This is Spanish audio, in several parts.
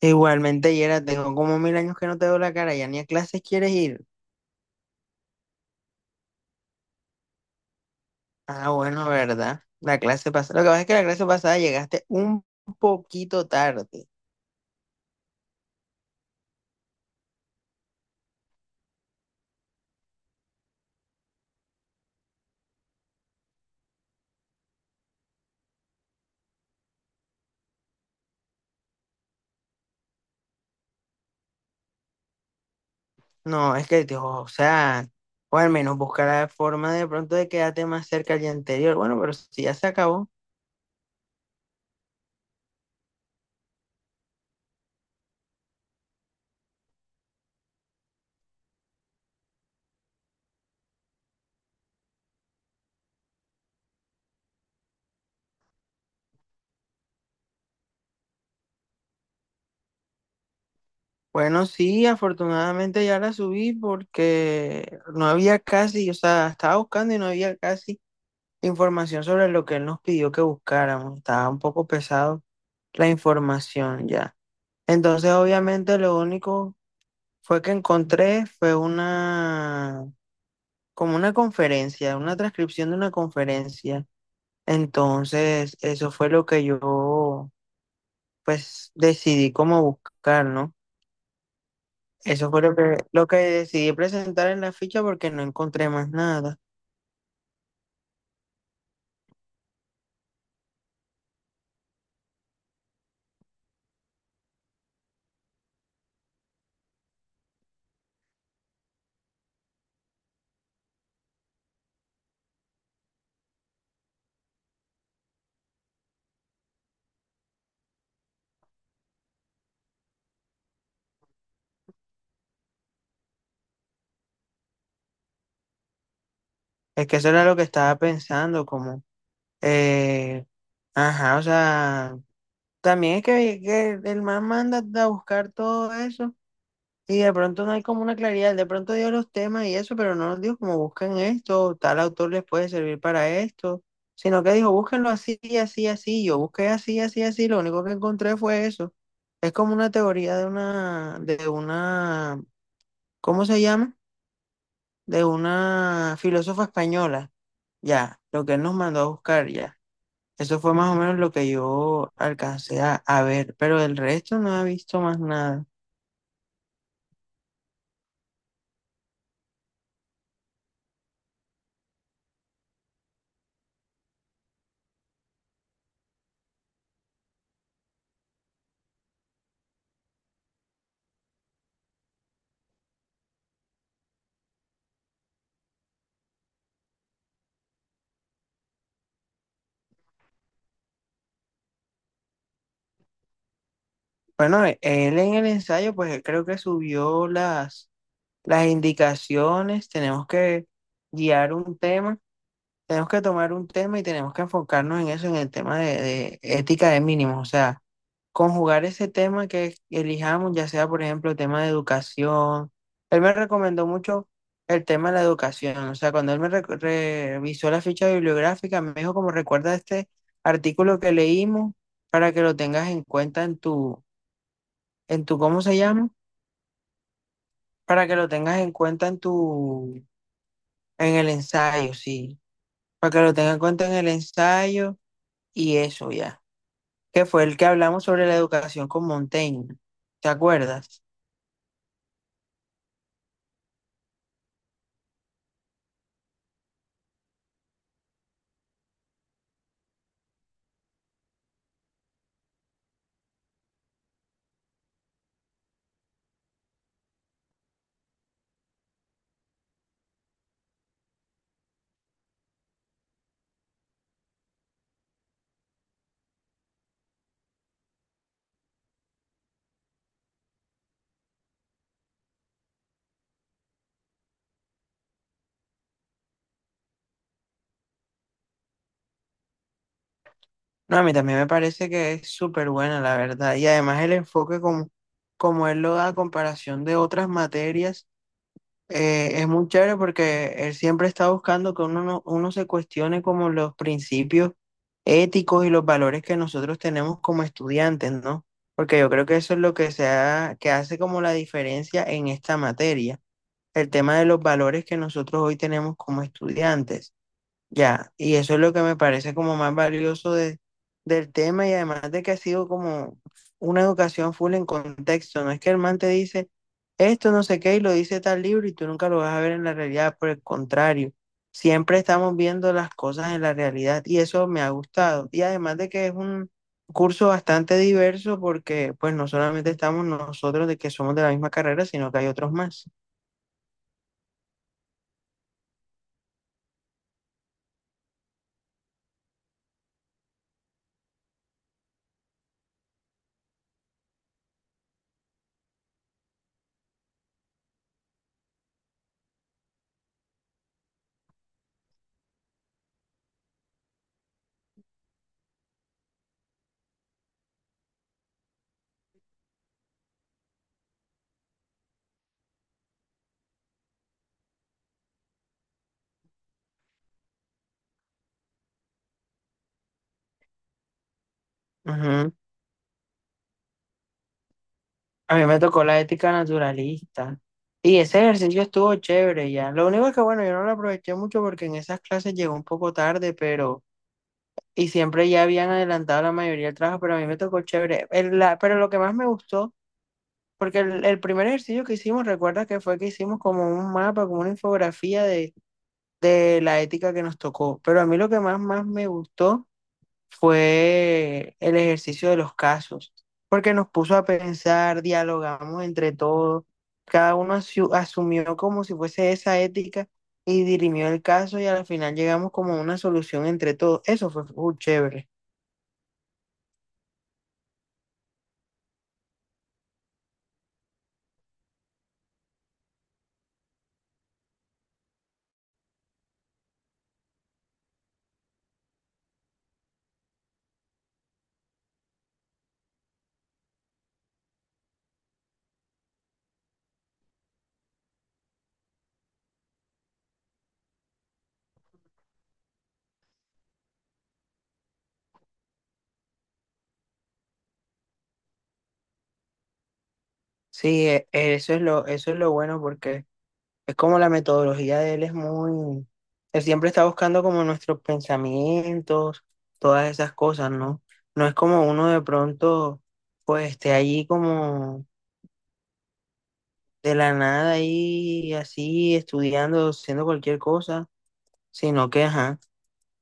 Igualmente, Yera, tengo como mil años que no te veo la cara, ya ni a clases quieres ir. Ah, bueno, ¿verdad? La clase pasada. Lo que pasa es que la clase pasada llegaste un poquito tarde. No, es que, tío, o sea, o al menos buscar la forma de pronto de quedarte más cerca al día anterior. Bueno, pero si ya se acabó. Bueno, sí, afortunadamente ya la subí porque no había casi, o sea, estaba buscando y no había casi información sobre lo que él nos pidió que buscáramos. Estaba un poco pesado la información ya. Entonces, obviamente, lo único fue que encontré fue una, como una conferencia, una transcripción de una conferencia. Entonces, eso fue lo que yo, pues, decidí cómo buscar, ¿no? Eso fue lo que decidí presentar en la ficha porque no encontré más nada. Es que eso era lo que estaba pensando, como, eh, ajá, o sea, también es que el man manda a buscar todo eso. Sí, de pronto no hay como una claridad, de pronto dio los temas y eso, pero no nos dijo como busquen esto, tal autor les puede servir para esto, sino que dijo búsquenlo así, así, así, yo busqué así, así, así, lo único que encontré fue eso. Es como una teoría de una, ¿cómo se llama? De una filósofa española, ya, lo que él nos mandó a buscar, ya. Eso fue más o menos lo que yo alcancé a ver, pero el resto no he visto más nada. Bueno, él en el ensayo, pues creo que subió las indicaciones, tenemos que guiar un tema, tenemos que tomar un tema y tenemos que enfocarnos en eso, en el tema de ética de mínimos, o sea, conjugar ese tema que elijamos, ya sea, por ejemplo, el tema de educación. Él me recomendó mucho el tema de la educación, o sea, cuando él me revisó la ficha bibliográfica, me dijo como recuerda este artículo que leímos para que lo tengas en cuenta en tu, ¿cómo se llama? Para que lo tengas en cuenta en tu, en el ensayo, sí. Para que lo tengas en cuenta en el ensayo y eso ya. Que fue el que hablamos sobre la educación con Montaigne. ¿Te acuerdas? No, a mí también me parece que es súper buena, la verdad. Y además el enfoque como, como él lo da a comparación de otras materias. Es muy chévere porque él siempre está buscando que uno, no- uno se cuestione como los principios éticos y los valores que nosotros tenemos como estudiantes, ¿no? Porque yo creo que eso es lo que que hace como la diferencia en esta materia, el tema de los valores que nosotros hoy tenemos como estudiantes. Ya, y eso es lo que me parece como más valioso del tema y además de que ha sido como una educación full en contexto, no es que el man te dice esto no sé qué y lo dice tal libro y tú nunca lo vas a ver en la realidad, por el contrario, siempre estamos viendo las cosas en la realidad y eso me ha gustado. Y además de que es un curso bastante diverso porque pues no solamente estamos nosotros de que somos de la misma carrera, sino que hay otros más. A mí me tocó la ética naturalista. Y ese ejercicio estuvo chévere ya. Lo único es que, bueno, yo no lo aproveché mucho porque en esas clases llegó un poco tarde, pero... Y siempre ya habían adelantado la mayoría del trabajo, pero a mí me tocó chévere. Pero lo que más me gustó, porque el primer ejercicio que hicimos, recuerda que fue que hicimos como un mapa, como una infografía de la ética que nos tocó. Pero a mí lo que más me gustó fue el ejercicio de los casos, porque nos puso a pensar, dialogamos entre todos, cada uno asumió como si fuese esa ética y dirimió el caso y al final llegamos como a una solución entre todos. Eso fue full chévere. Sí, eso es eso es lo bueno porque es como la metodología de él es muy, él siempre está buscando como nuestros pensamientos, todas esas cosas, ¿no? No es como uno de pronto, pues esté allí como de la nada ahí así estudiando, haciendo cualquier cosa, sino que, ajá,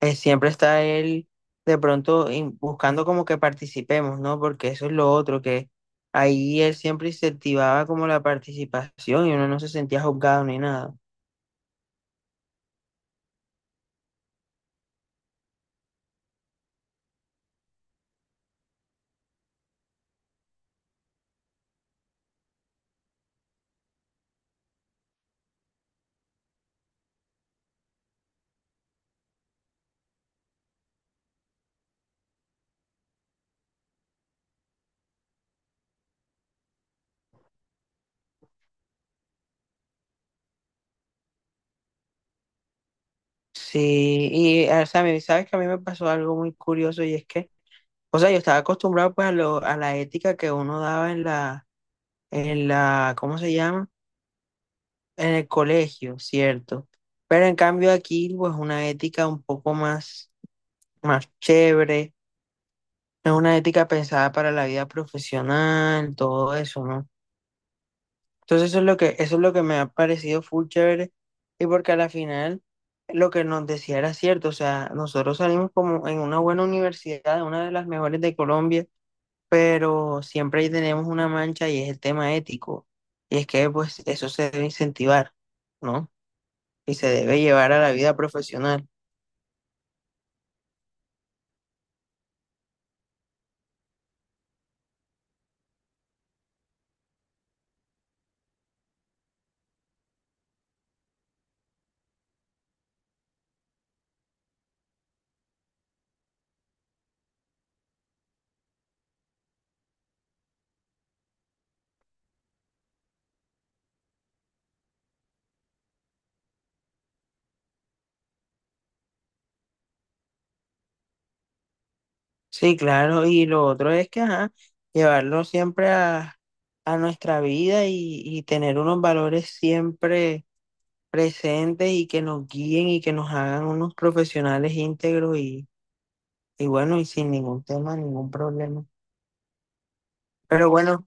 siempre está él de pronto buscando como que participemos, ¿no? Porque eso es lo otro, que ahí él siempre incentivaba como la participación y uno no se sentía juzgado ni nada. Sí, y o sea, a mí, sabes que a mí me pasó algo muy curioso y es que, o sea, yo estaba acostumbrado pues a la ética que uno daba en la, ¿cómo se llama? En el colegio, cierto. Pero en cambio aquí, pues una ética un poco más, más chévere, no es una ética pensada para la vida profesional, todo eso, ¿no? Entonces eso es eso es lo que me ha parecido full chévere y porque a la final lo que nos decía era cierto, o sea, nosotros salimos como en una buena universidad, una de las mejores de Colombia, pero siempre ahí tenemos una mancha y es el tema ético. Y es que pues eso se debe incentivar, ¿no? Y se debe llevar a la vida profesional. Sí, claro, y lo otro es que, ajá, llevarlo siempre a nuestra vida y tener unos valores siempre presentes y que nos guíen y que nos hagan unos profesionales íntegros y bueno, y sin ningún tema, ningún problema. Pero bueno,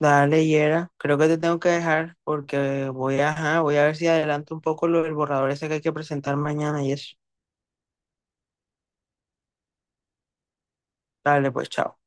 dale, Yera, creo que te tengo que dejar porque voy a, ajá, voy a ver si adelanto un poco lo del borrador ese que hay que presentar mañana y eso. Dale, pues, chao.